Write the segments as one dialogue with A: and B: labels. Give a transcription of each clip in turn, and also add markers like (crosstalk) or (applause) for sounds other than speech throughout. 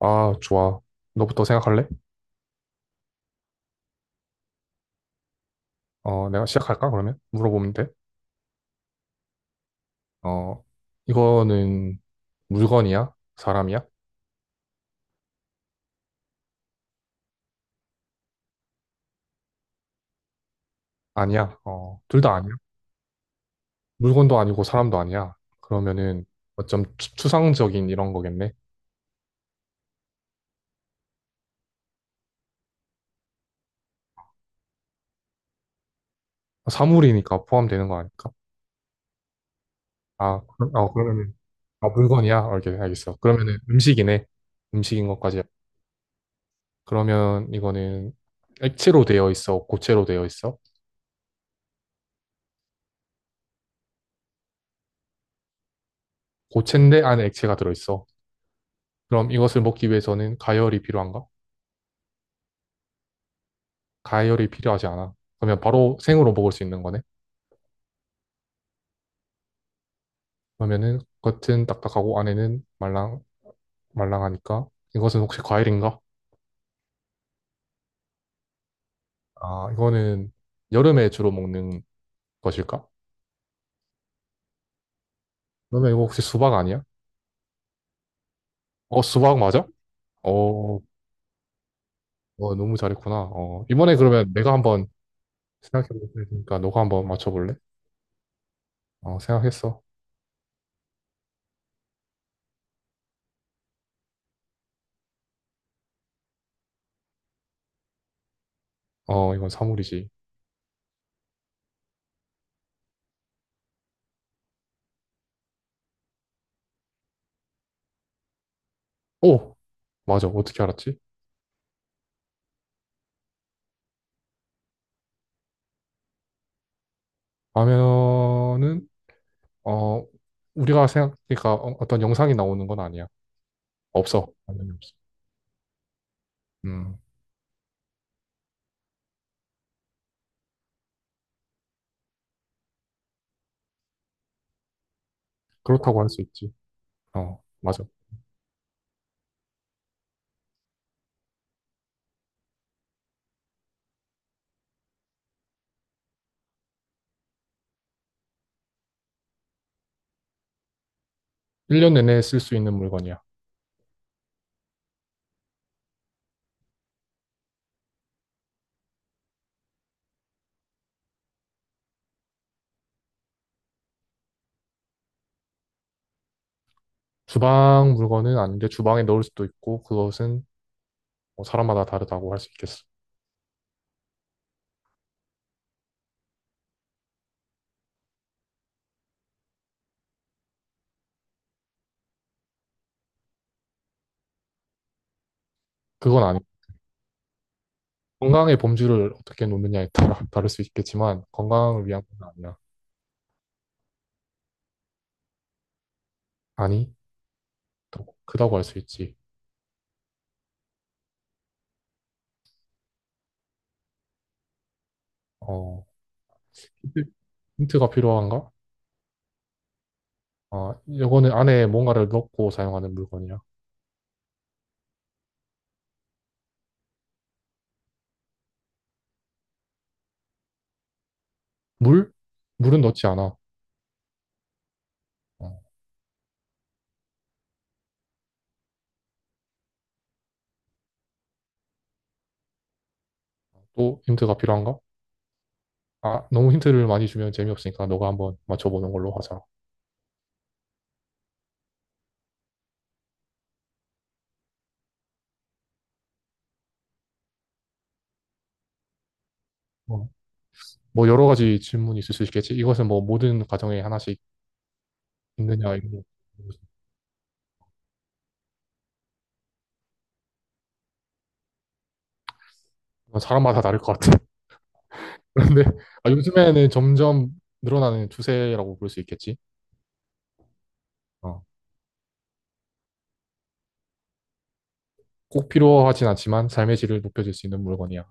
A: 아, 좋아. 너부터 생각할래? 어, 내가 시작할까, 그러면? 물어보면 돼. 어, 이거는 물건이야? 사람이야? 아니야. 어, 둘 다 아니야. 물건도 아니고 사람도 아니야. 그러면은 어쩜 추상적인 이런 거겠네. 사물이니까 포함되는 거 아닐까? 아, 어, 그러면은, 아, 물건이야? 알겠어. 그러면은 음식이네. 음식인 것까지. 그러면 이거는 액체로 되어 있어? 고체로 되어 있어? 고체인데 안에 액체가 들어있어? 그럼 이것을 먹기 위해서는 가열이 필요한가? 가열이 필요하지 않아. 그러면 바로 생으로 먹을 수 있는 거네. 그러면은 겉은 딱딱하고 안에는 말랑 말랑하니까 이것은 혹시 과일인가? 아, 이거는 여름에 주로 먹는 것일까? 그러면 이거 혹시 수박 아니야? 어, 수박 맞아? 어, 어, 너무 잘했구나. 어, 이번에 그러면 내가 한번 생각해 볼 테니까 너가 한번 맞춰 볼래? 어, 생각했어. 어, 이건 사물이지. 오! 맞아. 어떻게 알았지? 라면은 어, 우리가 생각하니까 어떤 영상이 나오는 건 아니야. 없어. 당연히 없어. 음, 그렇다고 할 수 있지. 어, 맞아. 1년 내내 쓸 수 있는 물건이야. 주방 물건은 아닌데 주방에 넣을 수도 있고 그것은 뭐 사람마다 다르다고 할 수 있겠어. 그건 아니. 건강의 범주를 어떻게 놓느냐에 따라 (laughs) 다를 수 있겠지만 건강을 위한 건 아니야. 아니, 더 크다고 할 수 있지. 어, 힌트- 힌트가 필요한가? 아, 이거는 안에 뭔가를 넣고 사용하는 물건이야. 물? 물은 넣지 않아. 어, 또 힌트가 필요한가? 아, 너무 힌트를 많이 주면 재미없으니까 너가 한번 맞춰보는 걸로 하자. 어. 뭐 여러 가지 질문이 있을 수 있겠지. 이것은 뭐 모든 가정에 하나씩 있느냐, 이거. 사람마다 다를 것 같아. (laughs) 그런데 아, 요즘에는 점점 늘어나는 추세라고 볼 수 있겠지. 어. 꼭 필요하진 않지만 삶의 질을 높여줄 수 있는 물건이야.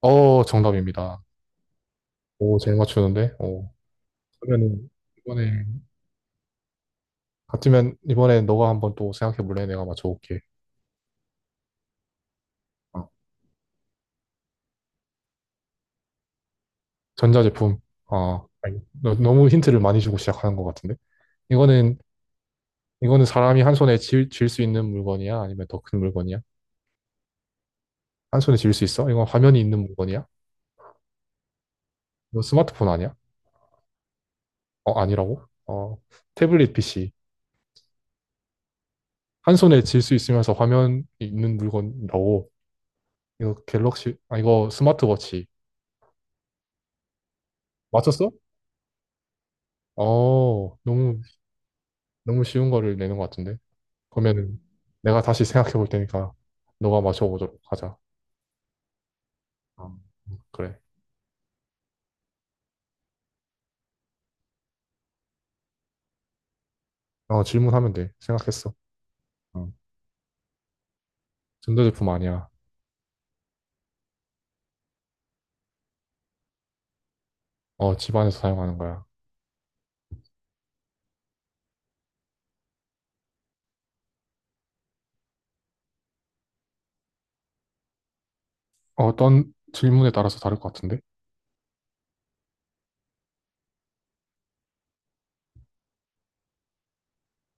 A: 어, 정답입니다. 오, 잘 맞추는데? 오. 그러면은 이번에 같으면 이번에 너가 한번 또 생각해 볼래? 내가 맞춰볼게. 어. 전자제품. 어, 너, 너무 힌트를 많이 주고 시작하는 것 같은데. 이거는, 이거는 사람이 한 손에 쥘수 있는 물건이야? 아니면 더 큰 물건이야? 한 손에 쥘 수 있어? 이건 화면이 있는 물건이야? 이거 스마트폰 아니야? 어, 아니라고? 어, 태블릿 PC. 한 손에 쥘 수 있으면서 화면이 있는 물건이라고. 이거 갤럭시, 아, 이거 스마트워치. 맞췄어? 어, 너무, 너무 쉬운 거를 내는 것 같은데. 그러면은 내가 다시 생각해 볼 테니까 너가 맞춰보도록 하자. 어, 그래. 어, 질문하면 돼. 생각했어. 어, 전자제품 아니야. 어, 집안에서 사용하는 거야. 어떤 질문에 따라서 다를 것 같은데?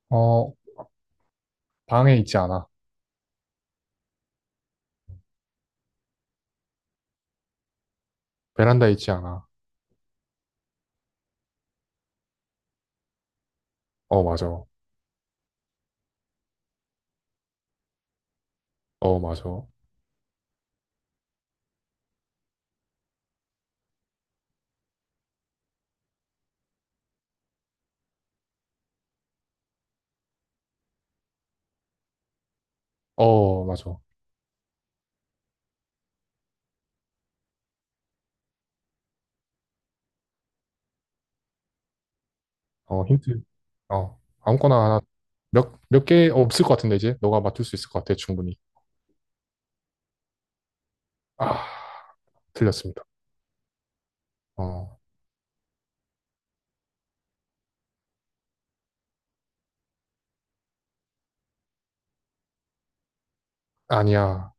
A: 어, 방에 있지 않아. 베란다에 있지 않아. 어, 맞아. 어, 맞아. 어, 맞아. 어, 힌트. 어, 아무거나 하나. 몇 개 없을 것 같은데, 이제? 너가 맞출 수 있을 것 같아, 충분히. 아, 틀렸습니다. 어, 아니야.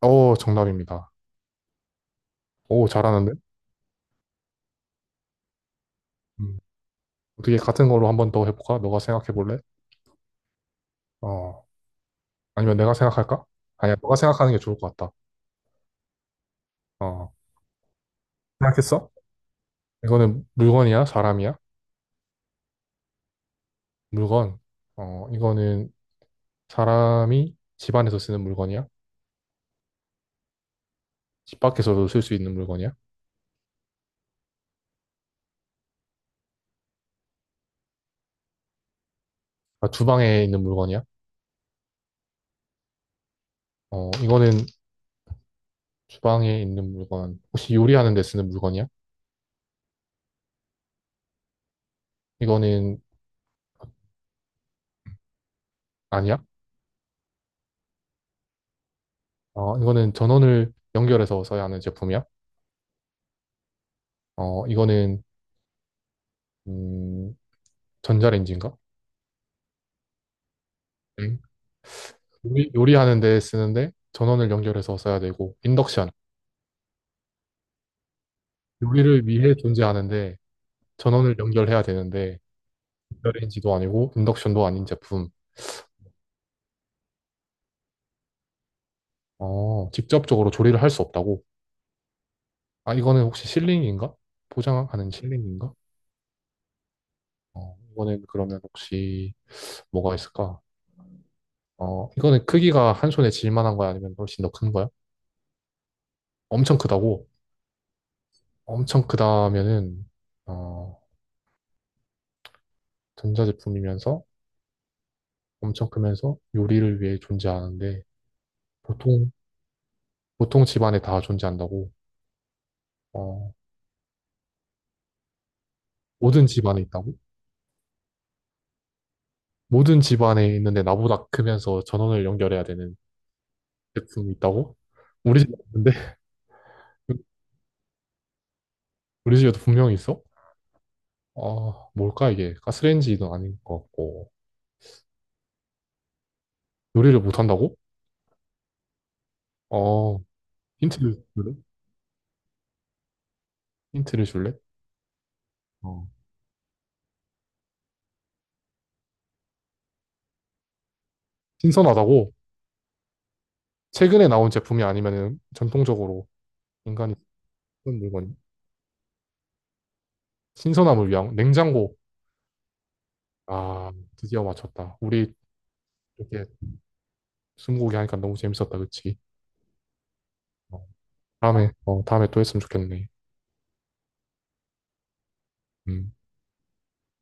A: 어, 정답입니다. 오, 잘하는데? 음, 어떻게 같은 걸로 한번 더 해볼까? 너가 생각해 볼래? 어. 아니면 내가 생각할까? 아니야, 너가 생각하는 게 좋을 것 같다. 어, 생각했어? 이거는 물건이야? 사람이야? 물건. 어, 이거는 사람이 집 안에서 쓰는 물건이야? 집 밖에서도 쓸 수 있는 물건이야? 아, 주방에 있는 물건이야? 어, 이거는 주방에 있는 물건. 혹시 요리하는 데 쓰는 물건이야? 이거는 아니야? 어, 이거는 전원을 연결해서 써야 하는 제품이야? 어, 이거는 음, 전자레인지인가? 응. 요리하는 데 쓰는데 전원을 연결해서 써야 되고 인덕션. 요리를 위해 존재하는데 전원을 연결해야 되는데 연결레인지도 아니고 인덕션도 아닌 제품. 어, 직접적으로 조리를 할 수 없다고? 아, 이거는 혹시 실링인가? 포장하는 실링인가? 어, 이거는 그러면 혹시 뭐가 있을까? 어, 이거는 크기가 한 손에 쥘 만한 거야? 아니면 훨씬 더 큰 거야? 엄청 크다고? 엄청 크다면은 어, 전자제품이면서 엄청 크면서 요리를 위해 존재하는데 보통 보통 집안에 다 존재한다고? 어, 모든 집안에 있다고? 모든 집 안에 있는데 나보다 크면서 전원을 연결해야 되는 제품이 있다고? 우리 집 없는데? (laughs) 우리 집에도 분명히 있어? 아, 뭘까 이게? 가스레인지도 아닌 것 같고. 요리를 못한다고? 어, 힌트를 줄래? 힌트를 줄래? 어. 신선하다고? 최근에 나온 제품이 아니면은 전통적으로 인간이 쓰는 물건. 신선함을 위한 냉장고. 아, 드디어 맞췄다. 우리 이렇게 스무고개 하니까 너무 재밌었다, 그치? 어, 다음에, 어, 다음에 또 했으면 좋겠네. 음.